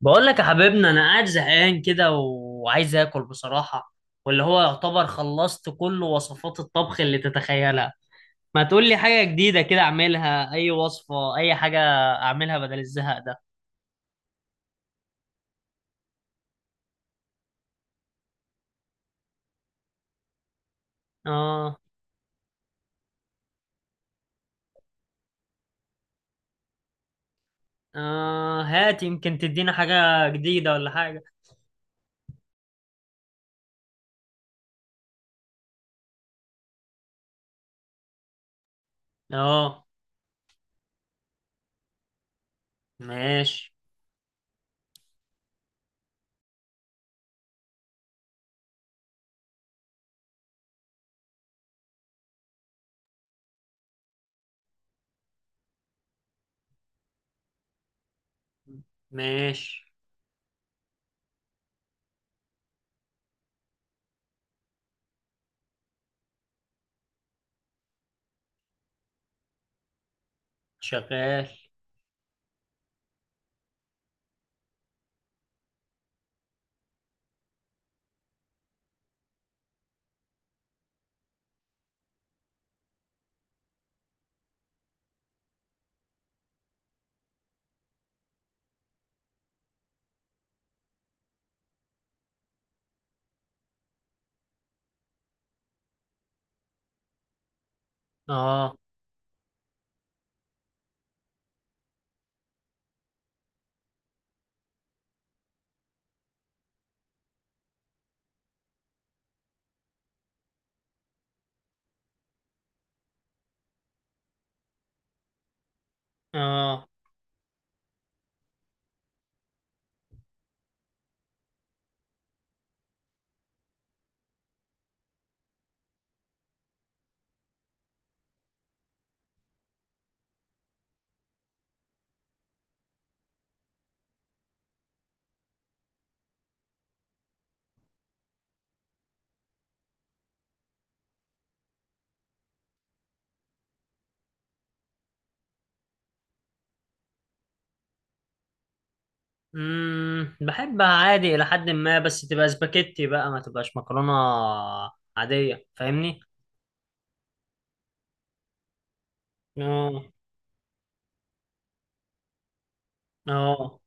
بقول لك يا حبيبنا انا قاعد زهقان كده وعايز اكل بصراحة. واللي هو يعتبر خلصت كل وصفات الطبخ اللي تتخيلها. ما تقول لي حاجة جديدة كده اعملها، اي وصفة اي حاجة اعملها بدل الزهق ده. اه. اه، هات يمكن تدينا حاجة جديدة ولا حاجة. اه ماشي. ماشي. شغال. اه. اه. بحبها عادي الى حد ما، بس تبقى سباكيتي بقى، ما تبقاش مكرونة عادية، فاهمني. اه. اه.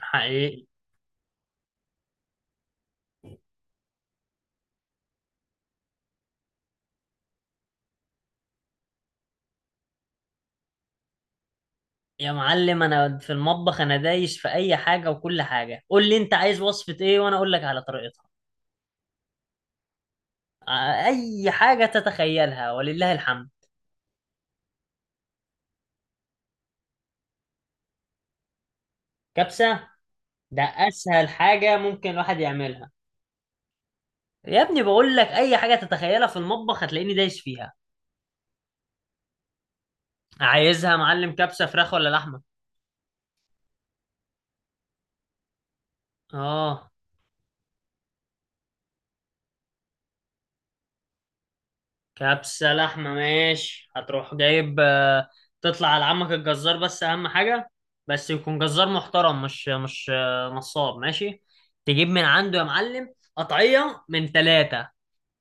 حقيقي. يا معلم انا في المطبخ انا دايس في اي حاجه وكل حاجه، قول لي انت عايز وصفه ايه وانا اقول لك على طريقتها. اي حاجه تتخيلها ولله الحمد. كبسه. ده اسهل حاجه ممكن الواحد يعملها. يا ابني بقول لك اي حاجه تتخيلها في المطبخ هتلاقيني دايس فيها. عايزها يا معلم كبسه فراخ ولا لحمه؟ اه. كبسة لحمة، ماشي. هتروح جايب تطلع على عمك الجزار، بس أهم حاجة يكون جزار محترم، مش نصاب، ماشي. تجيب من عنده يا معلم قطعية من 3،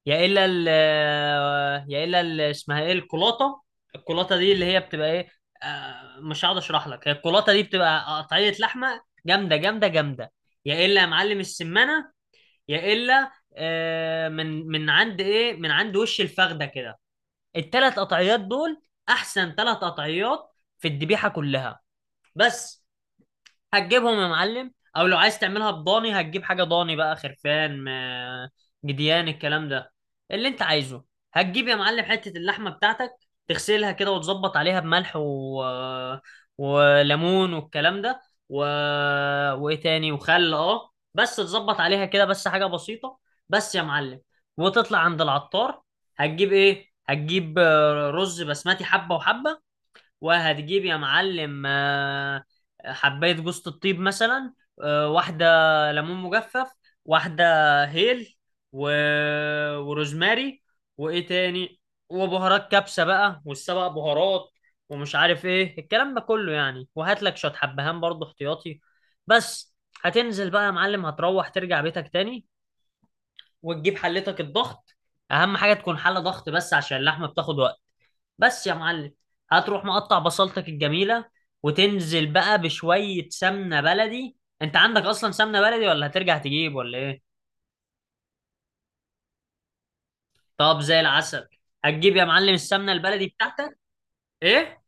يا إلا ال اسمها إيه، الكولاطة. الكولاطة دي اللي هي بتبقى إيه، مش هقعد أشرح لك، هي الكولاطة دي بتبقى قطعية لحمة جامدة جامدة جامدة. يا إلا يا معلم السمنة، يا إلا من عند إيه، من عند وش الفخدة كده. الـ3 قطعيات دول احسن 3 قطعيات في الذبيحه كلها. بس. هتجيبهم يا معلم، او لو عايز تعملها بضاني هتجيب حاجه ضاني، بقى خرفان، م- جديان، الكلام ده اللي انت عايزه. هتجيب يا معلم حته اللحمه بتاعتك، تغسلها كده وتظبط عليها بملح وليمون والكلام ده، و... وايه تاني، وخل بس، تظبط عليها كده بس حاجه بسيطه، بس يا معلم. وتطلع عند العطار، هتجيب ايه، هتجيب رز بسمتي حبه وحبه، وهتجيب يا معلم حباية جوزة الطيب مثلا، واحدة ليمون مجفف، واحدة هيل، و... وروزماري، وإيه تاني، وبهارات كبسة بقى، والسبع بهارات، ومش عارف إيه الكلام ده كله يعني. وهات لك شوية حبهان برضه احتياطي، بس. هتنزل بقى يا معلم، هتروح ترجع بيتك تاني وتجيب حلتك الضغط، أهم حاجة تكون حلة ضغط بس عشان اللحمة بتاخد وقت، بس يا معلم. هتروح مقطع بصلتك الجميلة، وتنزل بقى بشوية سمنة بلدي. انت عندك اصلا سمنة بلدي ولا هترجع تجيب ولا ايه؟ طب زي العسل. هتجيب يا معلم السمنة البلدي بتاعتك. ايه؟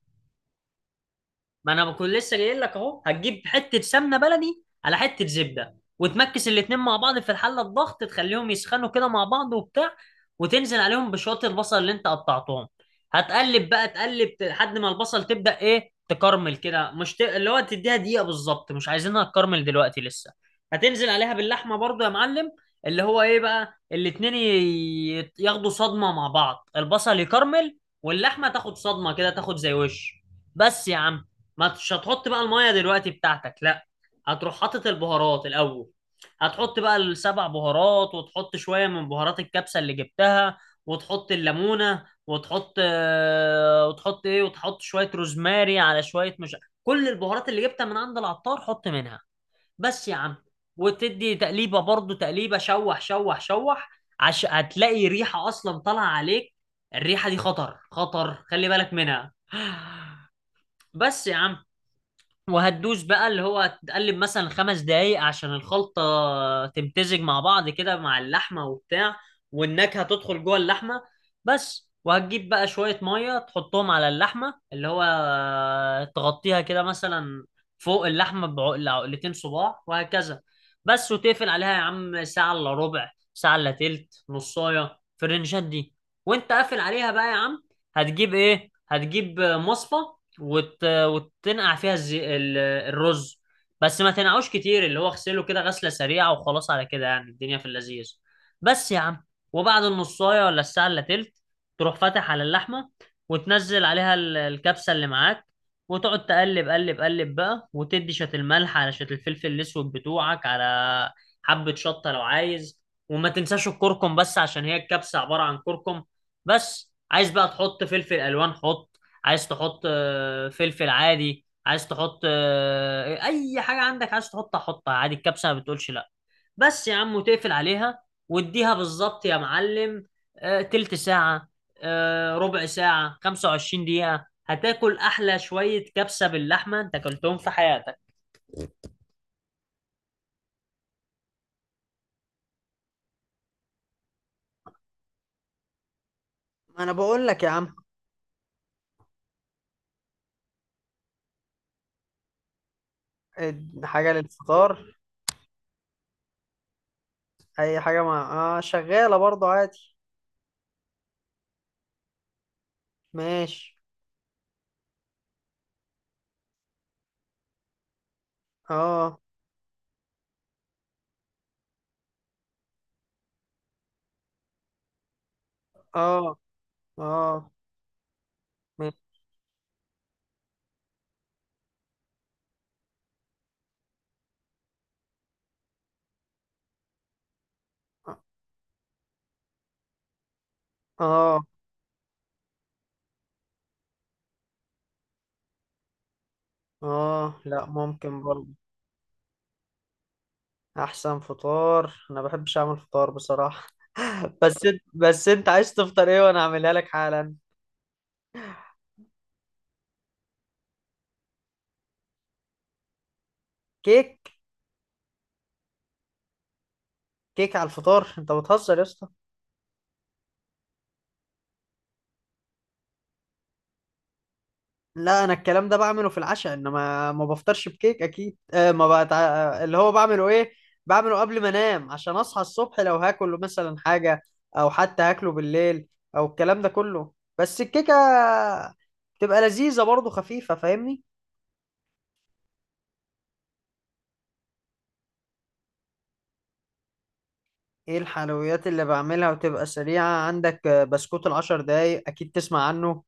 ما انا بكون لسه جاي لك اهو، هتجيب حته سمنه بلدي على حته زبده وتمكس الاتنين مع بعض في الحله الضغط، تخليهم يسخنوا كده مع بعض وبتاع، وتنزل عليهم بشويه البصل اللي انت قطعتهم. هتقلب بقى، لحد ما البصل تبدا ايه، تكرمل كده، مش ت... اللي هو تديها دقيقه بالظبط، مش عايزينها تكرمل دلوقتي لسه. هتنزل عليها باللحمه برضو يا معلم، اللي هو ايه بقى، الاتنين ياخدوا صدمه مع بعض، البصل يكرمل واللحمه تاخد صدمه كده، تاخد زي وش، بس يا عم. ما تش، هتحط بقى المية دلوقتي بتاعتك؟ لا، هتروح حاطط البهارات الأول. هتحط بقى السبع بهارات، وتحط شوية من بهارات الكبسة اللي جبتها، وتحط الليمونة، وتحط ايه، وتحط شوية روزماري على شوية، مش كل البهارات اللي جبتها من عند العطار حط منها، بس يا عم. وتدي تقليبة برضو، تقليبة شوح شوح شوح، هتلاقي ريحة أصلا طالعة عليك، الريحة دي خطر خطر، خلي بالك منها. بس يا عم. وهتدوس بقى اللي هو تقلب مثلا 5 دقايق عشان الخلطة تمتزج مع بعض كده مع اللحمة وبتاع، والنكهة تدخل جوه اللحمة، بس. وهتجيب بقى شوية مية تحطهم على اللحمة، اللي هو تغطيها كده مثلا، فوق اللحمة بعقلة عقلتين صباع وهكذا، بس. وتقفل عليها يا عم ساعة إلا ربع، ساعة إلا تلت، نصاية في الرنجات دي. وانت قافل عليها بقى يا عم هتجيب ايه، هتجيب مصفى، وتنقع فيها الرز، بس ما تنقعوش كتير، اللي هو اغسله كده غسله سريعه وخلاص، على كده يعني الدنيا في اللذيذ، بس يا عم. وبعد النصايه ولا الساعه الا تلت تروح فاتح على اللحمه، وتنزل عليها الكبسه اللي معاك، وتقعد تقلب، قلب قلب بقى، وتدي شويه الملح على شويه الفلفل الاسود بتوعك، على حبه شطه لو عايز، وما تنساش الكركم بس، عشان هي الكبسه عباره عن كركم. بس عايز بقى تحط فلفل الوان حط، عايز تحط فلفل عادي، عايز تحط اي حاجه عندك عايز تحطها حطها عادي، الكبسه ما بتقولش لا. بس يا عم، وتقفل عليها واديها بالظبط يا معلم تلت ساعه، ربع ساعه، 25 دقيقه، هتاكل احلى شويه كبسه باللحمه انت اكلتهم في حياتك. اديها. للفطار. اي حاجه مع، شغاله برضو عادي. ماشي. اه. اه. اه. ماشي. اه. اه. لا، ممكن برضو. احسن فطار، انا ما بحبش اعمل فطار بصراحه، بس انت عايز تفطر ايه وانا اعملها لك حالا. كيك. كيك على الفطار، انت بتهزر يا اسطى؟ لا، انا الكلام ده بعمله في العشاء، انما ما بفطرش بكيك اكيد، ما بقى اللي هو بعمله ايه، بعمله قبل ما انام عشان اصحى الصبح، لو هاكله مثلا حاجه، او حتى هاكله بالليل، او الكلام ده كله، بس الكيكه تبقى لذيذه برضه، خفيفه، فاهمني. ايه الحلويات اللي بعملها وتبقى سريعة؟ عندك بسكوت الـ10 دقايق اكيد تسمع عنه،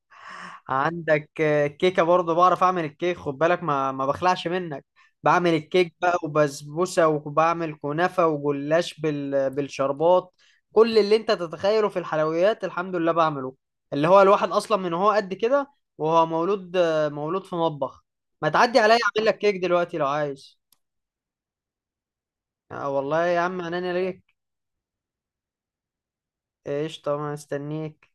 عندك كيكة برضه، بعرف اعمل الكيك، خد بالك ما بخلعش منك. بعمل الكيك بقى، وبسبوسة، وبعمل كنافة وجلاش بالشربات، كل اللي انت تتخيله في الحلويات الحمد لله بعمله. اللي هو الواحد اصلا من هو قد كده وهو مولود، مولود في مطبخ، ما تعدي عليا اعمل لك كيك دلوقتي لو عايز. آه والله يا عم عناني ليك. قشطة، ما استنيك.